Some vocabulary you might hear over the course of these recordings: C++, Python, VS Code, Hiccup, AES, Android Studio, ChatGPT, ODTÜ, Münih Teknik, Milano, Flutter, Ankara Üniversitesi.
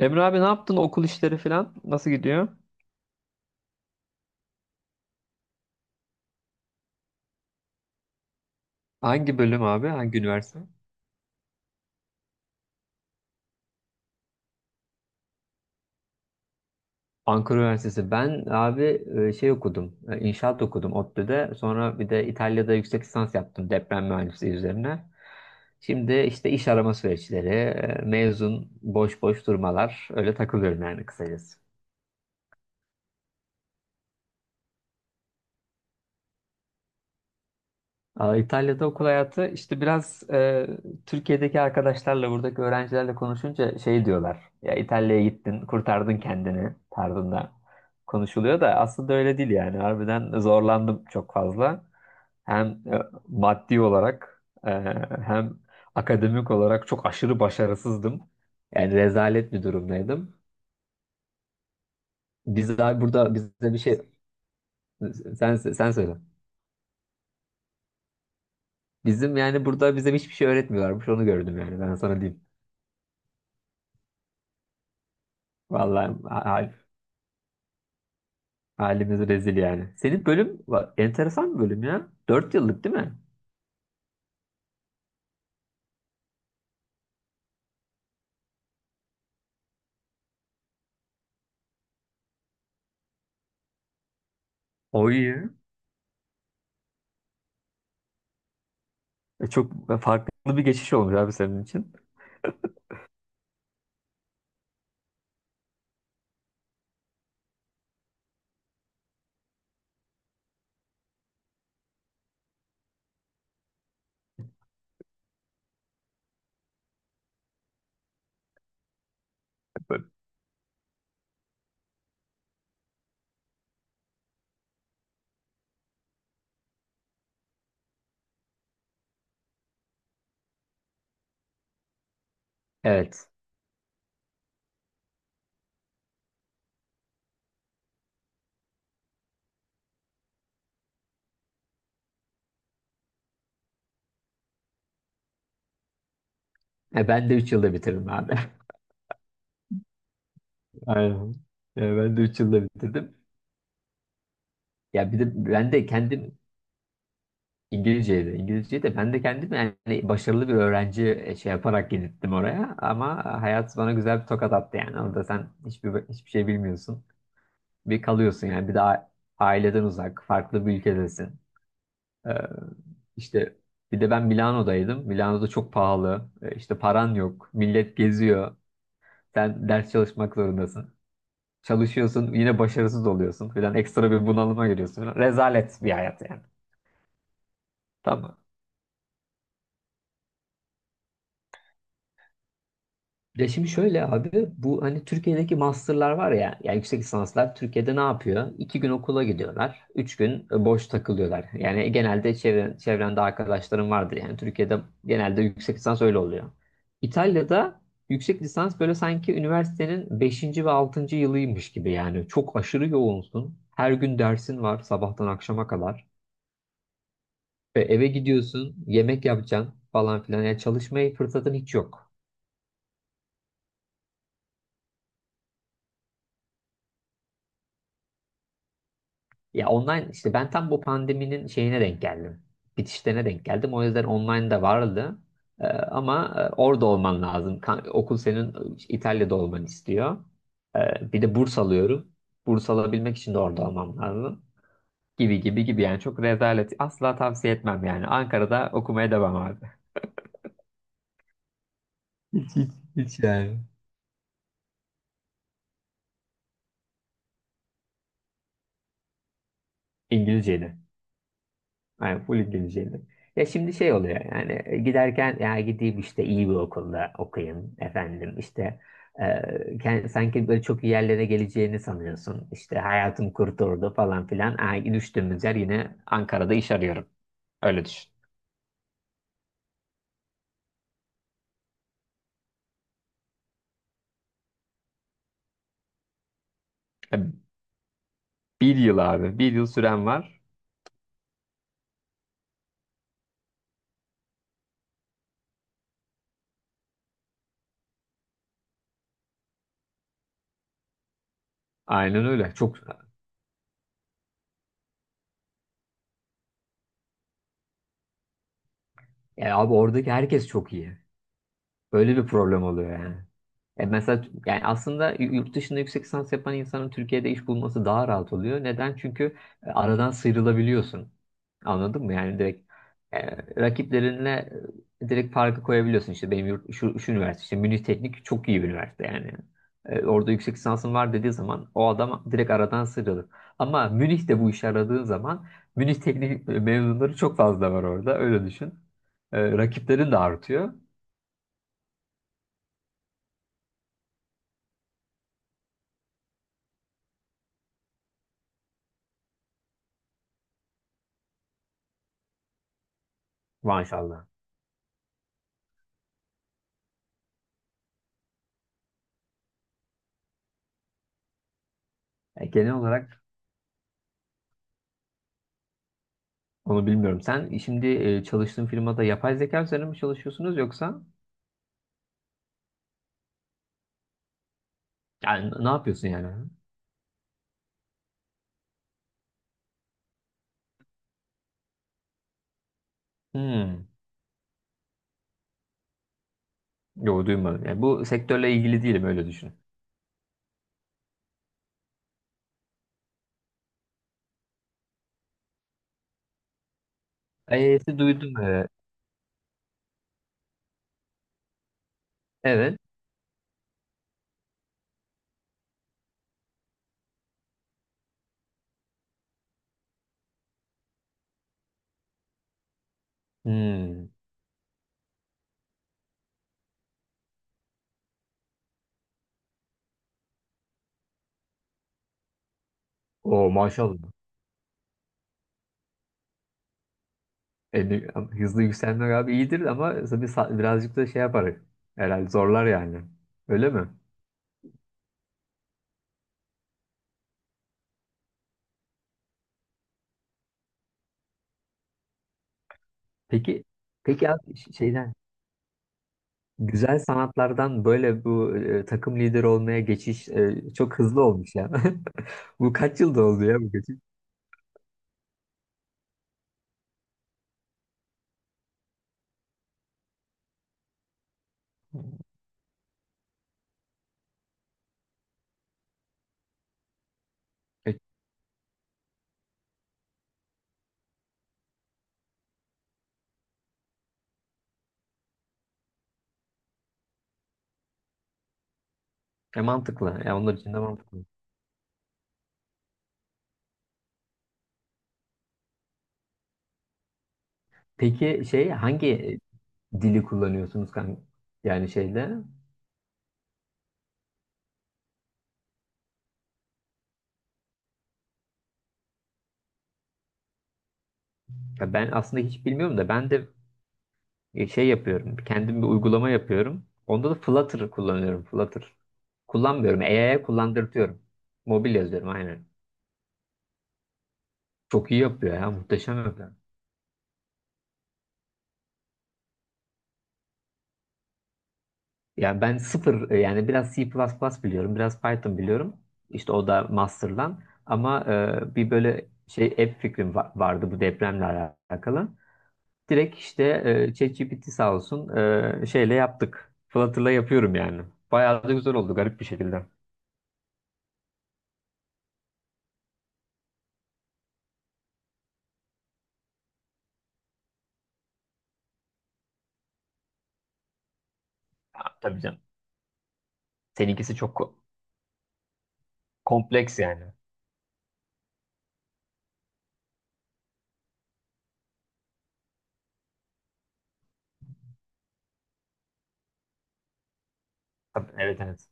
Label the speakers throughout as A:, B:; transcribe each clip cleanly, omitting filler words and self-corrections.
A: Emre abi ne yaptın? Okul işleri falan nasıl gidiyor? Hangi bölüm abi? Hangi üniversite? Ankara Üniversitesi. Ben abi şey okudum. İnşaat okudum ODTÜ'de. Sonra bir de İtalya'da yüksek lisans yaptım deprem mühendisliği üzerine. Şimdi işte iş arama süreçleri, mezun, boş boş durmalar. Öyle takılıyorum yani kısacası. Aa, İtalya'da okul hayatı işte biraz Türkiye'deki arkadaşlarla buradaki öğrencilerle konuşunca şey diyorlar. Ya İtalya'ya gittin, kurtardın kendini tarzında konuşuluyor da aslında öyle değil yani. Harbiden zorlandım çok fazla. Hem e, maddi olarak, hem akademik olarak çok aşırı başarısızdım. Yani rezalet bir durumdaydım. Biz daha burada bize bir şey, sen söyle. Bizim yani burada bize hiçbir şey öğretmiyorlarmış onu gördüm yani ben sana diyeyim. Vallahi halimiz rezil yani. Senin bölüm enteresan bir bölüm ya. 4 yıllık değil mi? O iyi. E, Çok farklı bir geçiş olmuş abi senin için. Evet. Ben de 3 yılda bitirdim abi. Aynen. Ya ben de 3 yılda bitirdim. Ya bir de ben de kendim İngilizceydi. İngilizceyi de ben de kendim yani başarılı bir öğrenci, şey yaparak gittim oraya. Ama hayat bana güzel bir tokat attı yani. Orada sen hiçbir şey bilmiyorsun. Bir kalıyorsun yani. Bir daha aileden uzak, farklı bir ülkedesin. Ee, işte bir de ben Milano'daydım. Milano'da çok pahalı. İşte paran yok. Millet geziyor. Sen ders çalışmak zorundasın. Çalışıyorsun yine başarısız oluyorsun falan. Ekstra bir bunalıma giriyorsun falan. Rezalet bir hayat yani. Tamam. Ya şimdi şöyle abi bu hani Türkiye'deki masterlar var ya yani yüksek lisanslar Türkiye'de ne yapıyor? İki gün okula gidiyorlar. Üç gün boş takılıyorlar. Yani genelde çevrende arkadaşlarım vardır. Yani Türkiye'de genelde yüksek lisans öyle oluyor. İtalya'da yüksek lisans böyle sanki üniversitenin beşinci ve altıncı yılıymış gibi yani. Çok aşırı yoğunsun. Her gün dersin var sabahtan akşama kadar. Ve eve gidiyorsun, yemek yapacaksın falan filan. Yani çalışmaya fırsatın hiç yok. Ya online işte ben tam bu pandeminin şeyine denk geldim. Bitişlerine denk geldim. O yüzden online de vardı. Ama orada olman lazım. Okul senin, İtalya'da olmanı istiyor. Bir de burs alıyorum. Burs alabilmek için de orada olmam lazım. Gibi gibi gibi yani çok rezalet. Asla tavsiye etmem yani. Ankara'da okumaya devam abi. Hiç hiç hiç yani. İngilizceyle. Yani full İngilizceydi. Ya şimdi şey oluyor yani, giderken ya gideyim işte iyi bir okulda okuyayım efendim işte, e, sanki böyle çok iyi yerlere geleceğini sanıyorsun. İşte hayatım kurtuldu falan filan. Ha, düştüğümüz yer yine Ankara'da iş arıyorum. Öyle düşün. E, Bir yıl abi, bir yıl süren var. Aynen öyle. Çok, ya abi oradaki herkes çok iyi. Böyle bir problem oluyor yani. E mesela yani aslında yurt dışında yüksek lisans yapan insanın Türkiye'de iş bulması daha rahat oluyor. Neden? Çünkü aradan sıyrılabiliyorsun. Anladın mı? Yani direkt, e, rakiplerinle direkt farkı koyabiliyorsun. İşte benim yurt, şu, şu üniversite işte Münih Teknik çok iyi bir üniversite yani. Orada yüksek lisansın var dediği zaman o adam direkt aradan sıyrılır. Ama Münih'te bu işe aradığın zaman Münih Teknik mezunları çok fazla var orada. Öyle düşün. Rakiplerin de artıyor. Maşallah. Genel olarak, onu bilmiyorum. Sen, şimdi çalıştığın firmada yapay zeka üzerine mi çalışıyorsunuz yoksa yani ne yapıyorsun yani? Hmm. Yok duymadım. Yani bu sektörle ilgili değilim, öyle düşün. AES'i duydum. Evet. Hmm. O maşallah. E, ne- hızlı yükselmek abi iyidir ama tabii birazcık da şey yapar. Herhalde zorlar yani. Öyle mi? Peki peki abi şeyden güzel sanatlardan böyle bu, takım lideri olmaya geçiş çok hızlı olmuş ya. Bu kaç yılda oldu ya bu geçiş? E, mantıklı. Ya onlar için de mantıklı. Peki şey, hangi dili kullanıyorsunuz kanka? Yani şeyde, ya ben aslında hiç bilmiyorum da ben de, şey yapıyorum. Kendim bir uygulama yapıyorum. Onda da Flutter kullanıyorum. Flutter. Kullanmıyorum. AI'ye kullandırtıyorum. Mobil yazıyorum aynen. Çok iyi yapıyor ya. Muhteşem yapıyor. Yani ben sıfır, yani biraz C++ biliyorum. Biraz Python biliyorum. İşte o da master'dan. Ama bir böyle şey app fikrim vardı bu depremle alakalı. Direkt işte ChatGPT sağ olsun şeyle yaptık. Flutter'la yapıyorum yani. Bayağı da güzel oldu garip bir şekilde. Ya, tabii canım. Seninkisi çok kompleks yani. Tabii, evet, evet.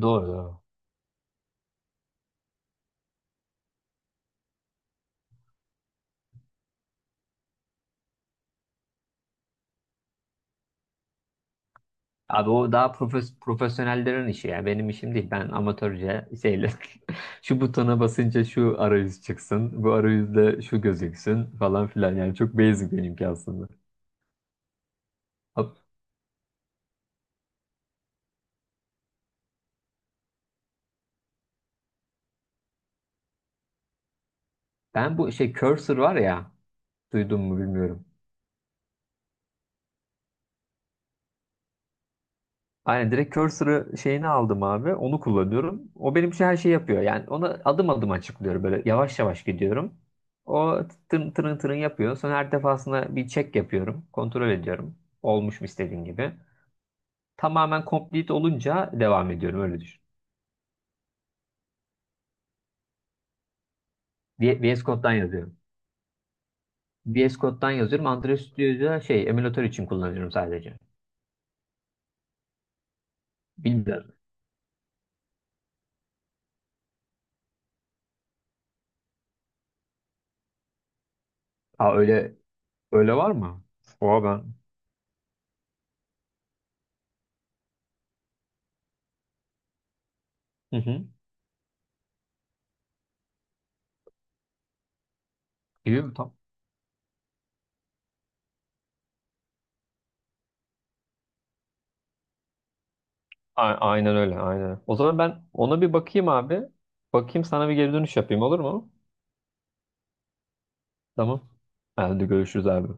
A: Doğru, doğru. Abi o daha profesyonellerin işi ya. Benim işim değil. Ben amatörce şeyle şu butona basınca şu arayüz çıksın. Bu arayüzde şu gözüksün falan filan. Yani çok basic benimki aslında. Abi, ben bu şey cursor var ya. Duydun mu bilmiyorum. Aynen direkt cursor'ı şeyini aldım abi. Onu kullanıyorum. O benim için her şeyi yapıyor. Yani ona adım adım açıklıyorum. Böyle yavaş yavaş gidiyorum. O tırın tırın tırın yapıyor. Sonra her defasında bir check yapıyorum. Kontrol ediyorum. Olmuş mu istediğin gibi. Tamamen complete olunca devam ediyorum. Öyle düşün. VS Code'dan yazıyorum. VS Code'dan yazıyorum. Android Studio'da şey emülatör için kullanıyorum sadece. Bilmiyorum. Aa öyle, var mı? Oha ben. Hı hı. Gibi mi? Aynen öyle, aynen. O zaman ben ona bir bakayım abi. Bakayım, sana bir geri dönüş yapayım, olur mu? Tamam. Hadi görüşürüz abi.